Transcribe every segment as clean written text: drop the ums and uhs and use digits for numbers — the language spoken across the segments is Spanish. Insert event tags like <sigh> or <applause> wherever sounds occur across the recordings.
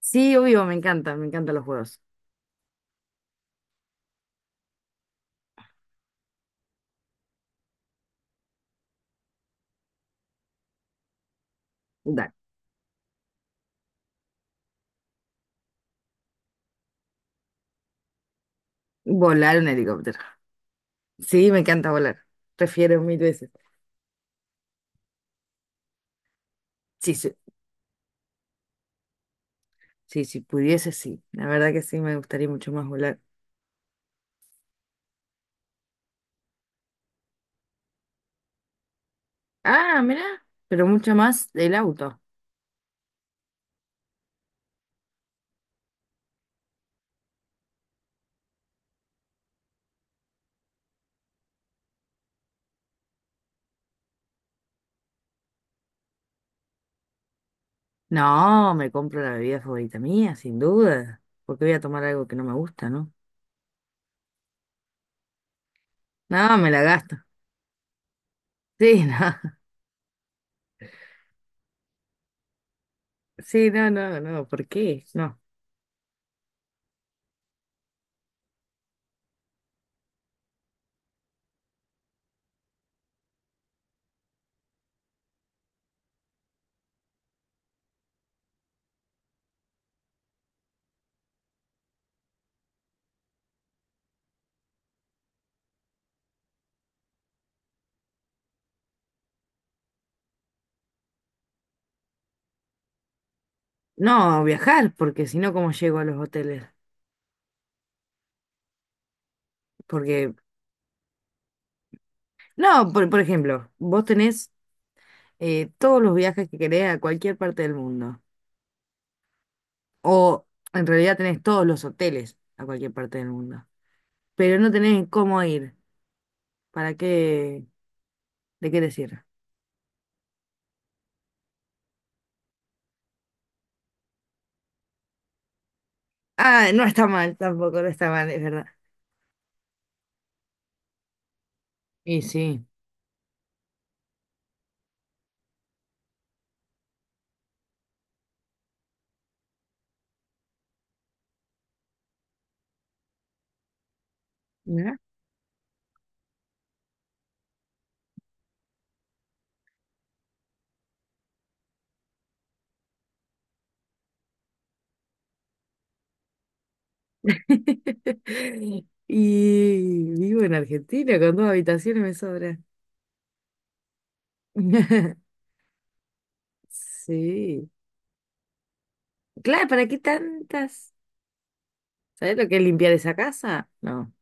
Sí, obvio, me encantan los juegos. Da- Volar un helicóptero. Sí, me encanta volar. Prefiero mil veces. Sí, sí, sí, si pudiese, sí. La verdad que sí, me gustaría mucho más volar. Ah, mira, pero mucho más el auto. No, me compro la bebida favorita mía, sin duda. Porque voy a tomar algo que no me gusta, ¿no? No, me la gasto. Sí, <laughs> no. Sí, no, no, no. ¿Por qué? No. No, viajar, porque si no, ¿cómo llego a los hoteles? Porque no, por ejemplo, vos tenés todos los viajes que querés a cualquier parte del mundo. O en realidad tenés todos los hoteles a cualquier parte del mundo. Pero no tenés cómo ir. ¿Para qué? ¿De qué decir? Ah, no está mal, tampoco no está mal, es verdad. Y sí. ¿No? <laughs> Y vivo en Argentina con dos habitaciones me sobra. <laughs> Sí. Claro, ¿para qué tantas? ¿Sabes lo que es limpiar esa casa? No,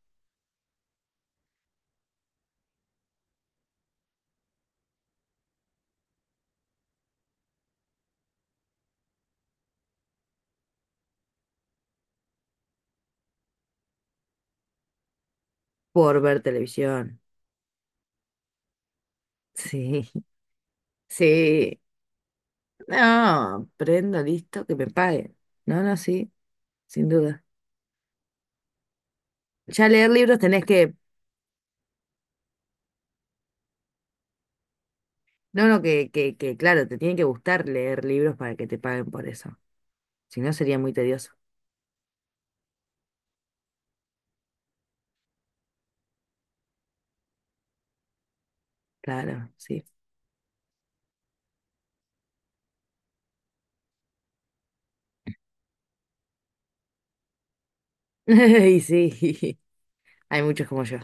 por ver televisión. Sí, <laughs> sí. No, prendo, listo, que me paguen. No, no, sí, sin duda. Ya leer libros tenés que, no, no, claro, te tiene que gustar leer libros para que te paguen por eso. Si no, sería muy tedioso. Claro, sí. <laughs> Y sí, <laughs> hay muchos como yo.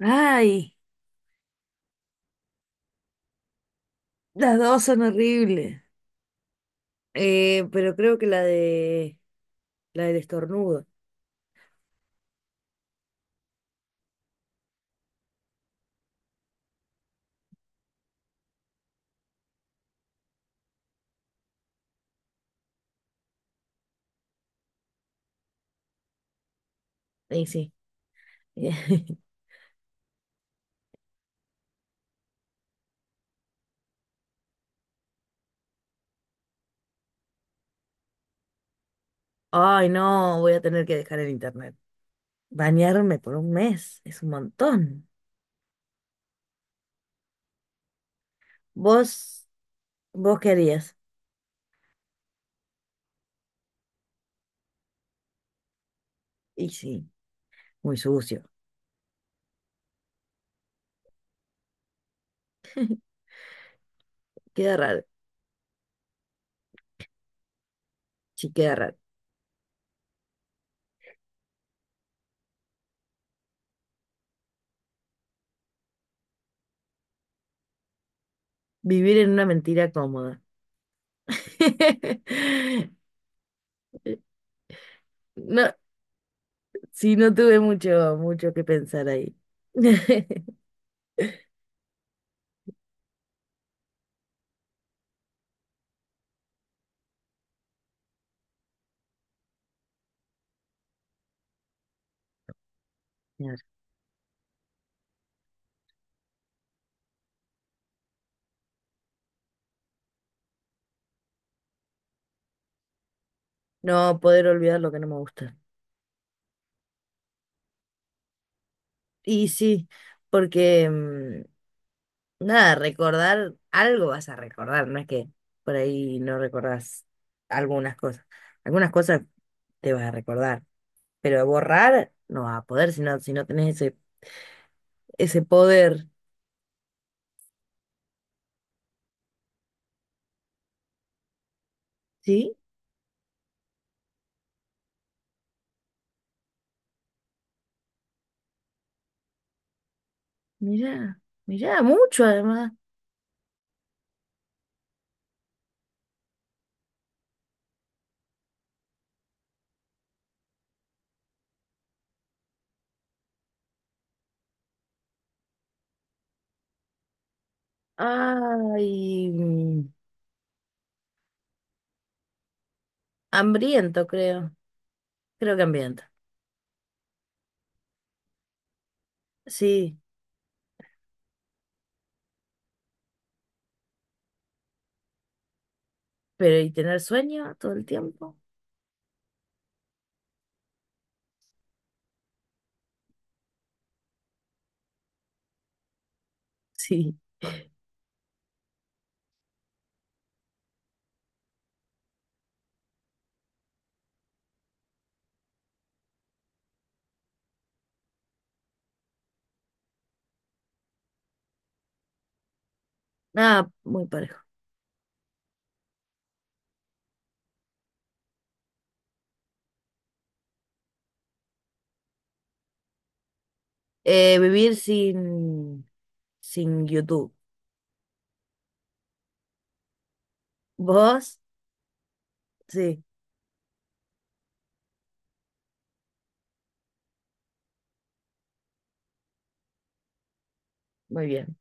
Ay, las dos son horribles. Pero creo que la del estornudo. Y sí. <laughs> Ay, no, voy a tener que dejar el internet. Bañarme por un mes es un montón. ¿Vos? ¿Vos qué harías? Y sí, muy sucio. Queda raro. Sí, queda raro. Vivir en una mentira cómoda. <laughs> No, sí, no tuve mucho, mucho que pensar ahí. <laughs> Claro. No poder olvidar lo que no me gusta. Y sí, porque nada, recordar algo vas a recordar, no es que por ahí no recordás algunas cosas. Algunas cosas te vas a recordar, pero borrar no vas a poder si no tenés ese, ese poder. Sí, mira, mira, mucho además. Ay, hambriento creo que hambriento. Sí, pero ¿y tener sueño todo el tiempo? <laughs> Sí, nada, muy parejo. Vivir sin YouTube. ¿Vos? Sí, muy bien.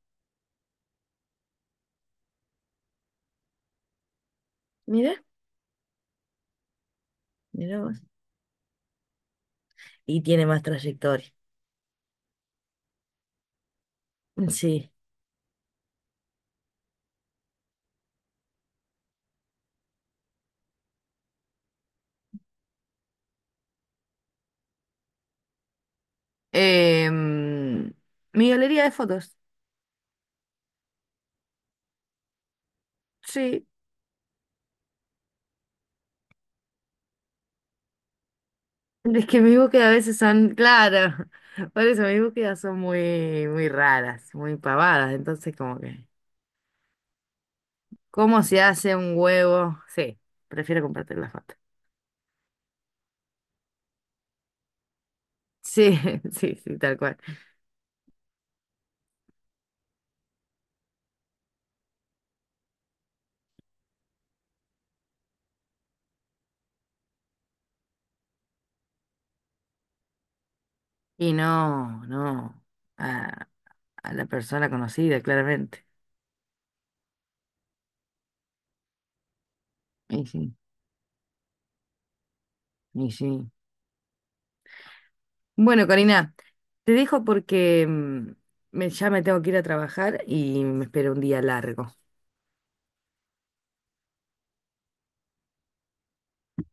Mira, mira vos. Y tiene más trayectoria. <laughs> Sí. Em, mi galería de fotos. Sí, es que mis búsquedas a veces son, claro, <laughs> por eso mis búsquedas son muy, muy raras, muy pavadas. Entonces, como que, ¿cómo se hace un huevo? Sí, prefiero compartir la foto. Sí, <laughs> sí, sí, tal cual. Y no, no, a, a la persona conocida, claramente. Y sí, y sí. Bueno, Karina, te dejo porque ya me tengo que ir a trabajar y me espero un día largo.